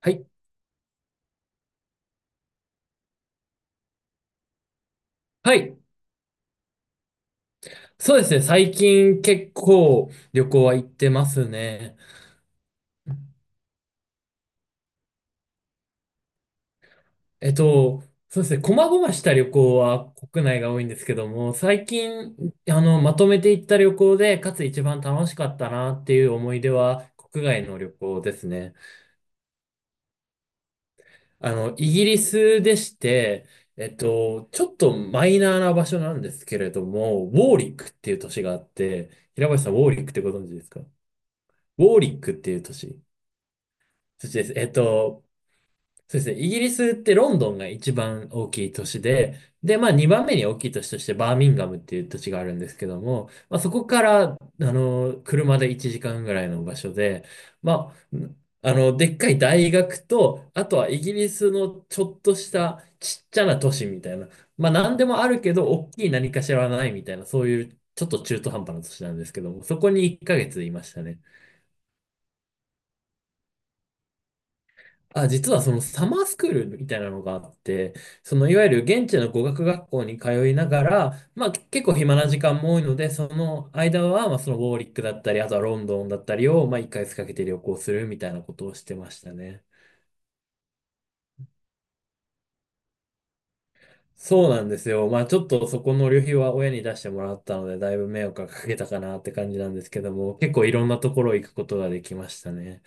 はい。はい。そうですね。最近結構旅行は行ってますね。えっと、そうですね。細々した旅行は国内が多いんですけども、最近、まとめて行った旅行で、かつ一番楽しかったなっていう思い出は、国外の旅行ですね。イギリスでして、ちょっとマイナーな場所なんですけれども、ウォーリックっていう都市があって、平林さん、ウォーリックってご存知ですか？ウォーリックっていう都市。そしてです。そうですね。イギリスってロンドンが一番大きい都市で、2番目に大きい都市としてバーミンガムっていう土地があるんですけども、そこから、車で1時間ぐらいの場所で、まあ、でっかい大学と、あとはイギリスのちょっとしたちっちゃな都市みたいな、何でもあるけど、大きい何かしらはないみたいな、そういうちょっと中途半端な都市なんですけども、そこに1ヶ月いましたね。あ、実はそのサマースクールみたいなのがあって、そのいわゆる現地の語学学校に通いながら、まあけ結構暇な時間も多いので、その間はそのウォーリックだったり、あとはロンドンだったりを1ヶ月かけて旅行するみたいなことをしてましたね。そうなんですよ。ちょっとそこの旅費は親に出してもらったので、だいぶ迷惑がかけたかなって感じなんですけども、結構いろんなところ行くことができましたね。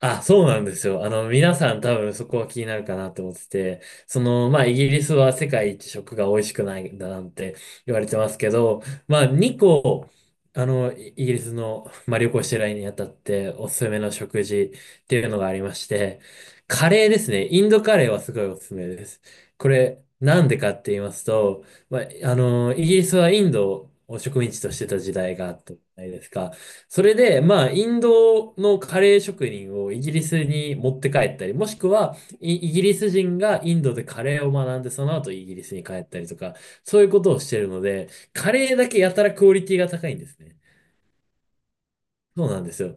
あ、そうなんですよ。皆さん多分そこは気になるかなと思ってて、イギリスは世界一食が美味しくないんだなんて言われてますけど、2個、イギリスの、旅行してる間にあたっておすすめの食事っていうのがありまして、カレーですね。インドカレーはすごいおすすめです。これ、なんでかって言いますと、まあ、イギリスはインドを植民地としてた時代があったじゃないですか。それで、インドのカレー職人をイギリスに持って帰ったり、もしくはイギリス人がインドでカレーを学んで、その後イギリスに帰ったりとか、そういうことをしてるので、カレーだけやたらクオリティが高いんですね。そうなんですよ。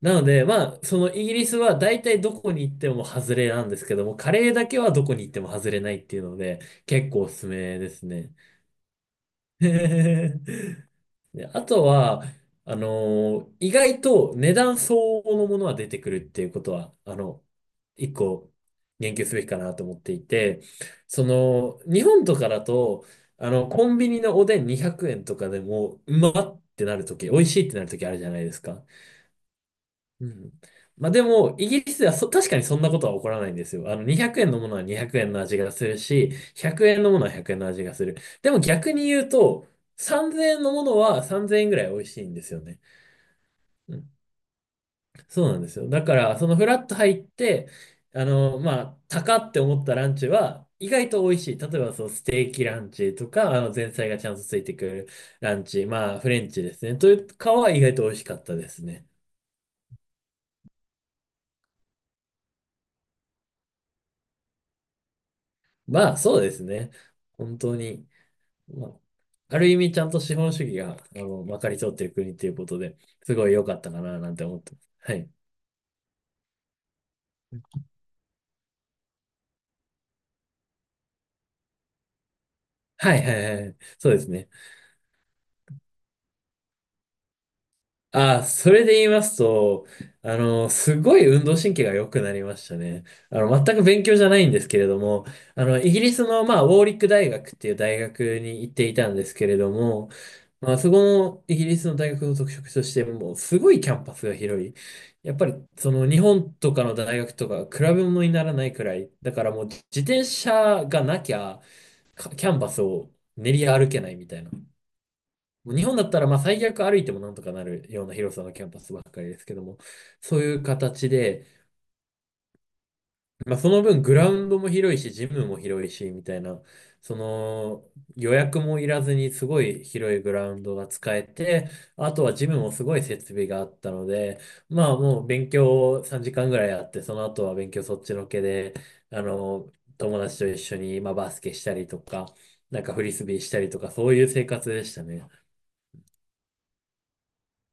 なので、そのイギリスは大体どこに行っても外れなんですけども、カレーだけはどこに行っても外れないっていうので、結構おすすめですね。で、あとは、意外と値段相応のものは出てくるっていうことは、一個言及すべきかなと思っていて、日本とかだと、コンビニのおでん200円とかでも、うまっってなるとき、美味しいってなるときあるじゃないですか。うん。でも、イギリスでは確かにそんなことは起こらないんですよ。200円のものは200円の味がするし、100円のものは100円の味がする。でも逆に言うと、3000円のものは3000円ぐらい美味しいんですよね。うん、そうなんですよ。だから、そのフラット入って、高って思ったランチは、意外と美味しい。例えば、そう、ステーキランチとか、前菜がちゃんとついてくるランチ、フレンチですね。というかは意外と美味しかったですね。そうですね。本当に。まあ、ある意味ちゃんと資本主義が、まかり通っている国っていうことで、すごい良かったかななんて思ってます。はい。はいはいはい。そうですね。あ、それで言いますと、すごい運動神経が良くなりましたね。全く勉強じゃないんですけれども、イギリスの、ウォーリック大学っていう大学に行っていたんですけれども、そこのイギリスの大学の特色として、もう、すごいキャンパスが広い。やっぱり、その、日本とかの大学とか、比べ物にならないくらい、だからもう、自転車がなきゃ、キャンパスを練り歩けないみたいな。もう日本だったら最悪歩いてもなんとかなるような広さのキャンパスばっかりですけども、そういう形で、その分グラウンドも広いし、ジムも広いし、みたいな、その予約もいらずにすごい広いグラウンドが使えて、あとはジムもすごい設備があったので、もう勉強を3時間ぐらいやって、その後は勉強そっちのけで、あの、友達と一緒にバスケしたりとか、なんかフリスビーしたりとか、そういう生活でしたね。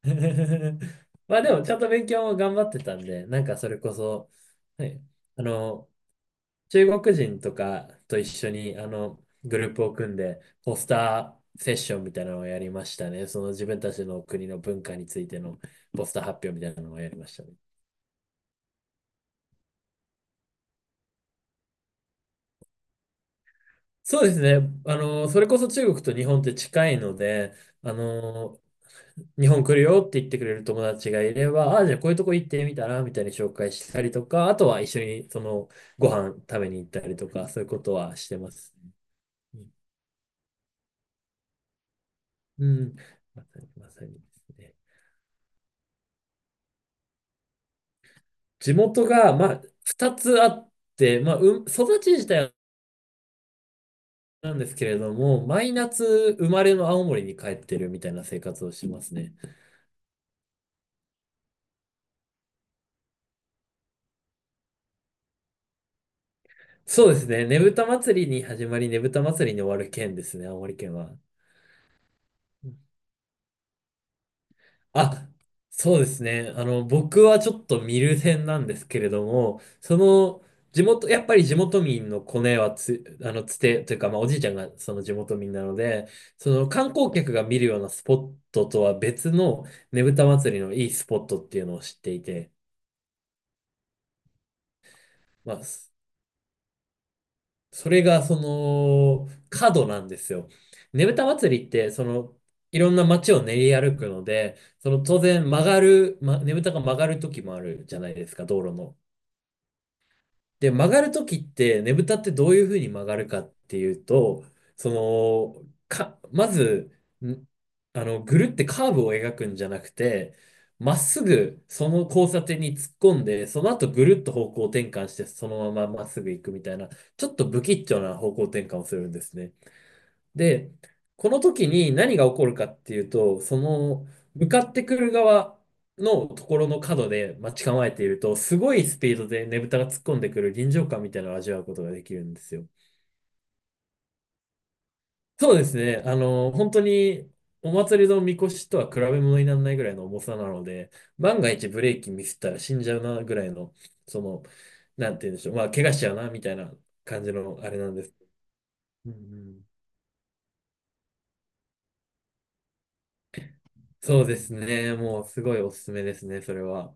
でも、ちゃんと勉強も頑張ってたんで、なんかそれこそ、はい、あの、中国人とかと一緒に、グループを組んで、ポスターセッションみたいなのをやりましたね。その自分たちの国の文化についてのポスター発表みたいなのをやりましたね。そうですね。それこそ中国と日本って近いので、あの、日本来るよって言ってくれる友達がいれば、あ、じゃあこういうとこ行ってみたらみたいに紹介したりとか、あとは一緒にそのご飯食べに行ったりとか、そういうことはしてます。うん。まさに、まさにですね。地元が、二つあって、育ち自体はなんですけれども、毎夏生まれの青森に帰ってるみたいな生活をしてますね。そうですね。ねぶた祭りに始まり、ねぶた祭りに終わる県ですね、青森県は。あ、そうですね。僕はちょっと見る線なんですけれども、やっぱり地元民のコネはつ、あの、つて、というか、おじいちゃんがその地元民なので、その観光客が見るようなスポットとは別のねぶた祭りのいいスポットっていうのを知っていて、まあ、そそれが角なんですよ。ねぶた祭りって、いろんな街を練り歩くので、その当然曲がる、ま、ねぶたが曲がる時もあるじゃないですか、道路の。で、曲がるときって、ねぶたってどういうふうに曲がるかっていうと、そまず、んぐるってカーブを描くんじゃなくて、まっすぐその交差点に突っ込んで、その後ぐるっと方向転換して、そのまままっすぐ行くみたいな、ちょっと不吉祥な方向転換をするんですね。で、この時に何が起こるかっていうと、向かってくる側のところの角で待ち構えていると、すごいスピードでねぶたが突っ込んでくる臨場感みたいなのを味わうことができるんですよ。そうですね。本当に、お祭りのみこしとは比べ物にならないぐらいの重さなので、万が一ブレーキミスったら死んじゃうなぐらいの、その、なんて言うんでしょう。怪我しちゃうなみたいな感じのあれなんです。うんうん、そうですね。もうすごいおすすめですね、それは。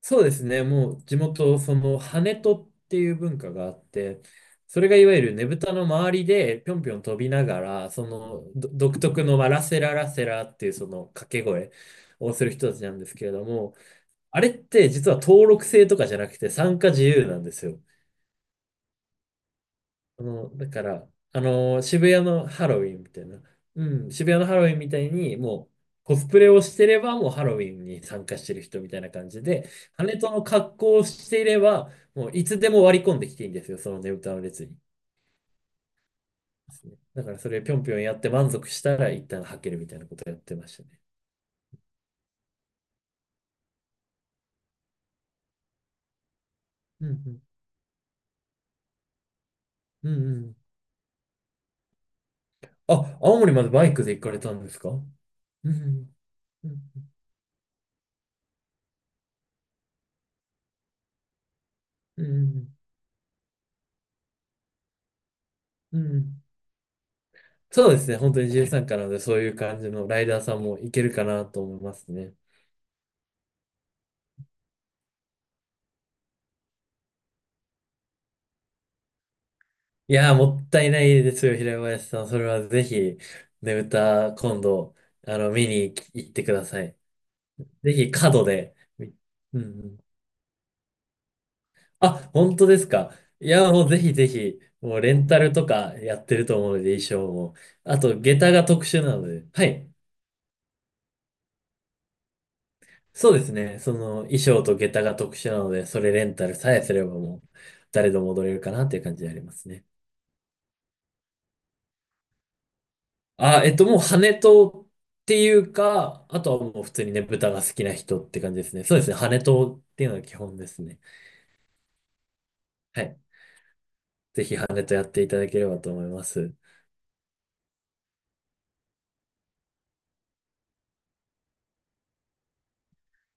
そうですね。もう地元、その跳人っていう文化があって、それがいわゆるねぶたの周りでぴょんぴょん飛びながら、その独特のラセララセラっていうその掛け声をする人たちなんですけれども、あれって実は登録制とかじゃなくて参加自由なんですよ。だから、渋谷のハロウィンみたいな、うん、渋谷のハロウィンみたいに、もう、コスプレをしてれば、もうハロウィンに参加してる人みたいな感じで、羽との格好をしていれば、もういつでも割り込んできていいんですよ、そのねぶたの列に。ですねだからそれぴょんぴょんやって満足したら一旦吐けるみたいなことをやってましたね。うんうん。うんうん。あ、青森までバイクで行かれたんですか？うんうん。うんうん。うんうん。うんうん。そうですね。本当に自由参加なので、そういう感じのライダーさんもいけるかなと思いますね。いやー、もったいないですよ、平林さん。それはぜひ、ねぶた、今度、見に行ってください。ぜひ、角で。うんうん。あ、本当ですか？いやー、もうぜひぜひ、もうレンタルとかやってると思うので、衣装も。あと、下駄が特殊なので。はい。そうですね。その、衣装と下駄が特殊なので、それレンタルさえすればもう、誰でも踊れるかなっていう感じでありますね。あ、もう羽とっていうか、あとはもう普通にね、豚が好きな人って感じですね。そうですね。羽とっていうのが基本ですね。はい。ぜひ羽とやっていただければと思います。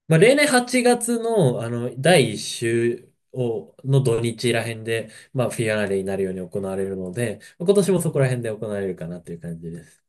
例年8月の、第1週の土日ら辺で、フィアナーレになるように行われるので、今年もそこら辺で行われるかなという感じです。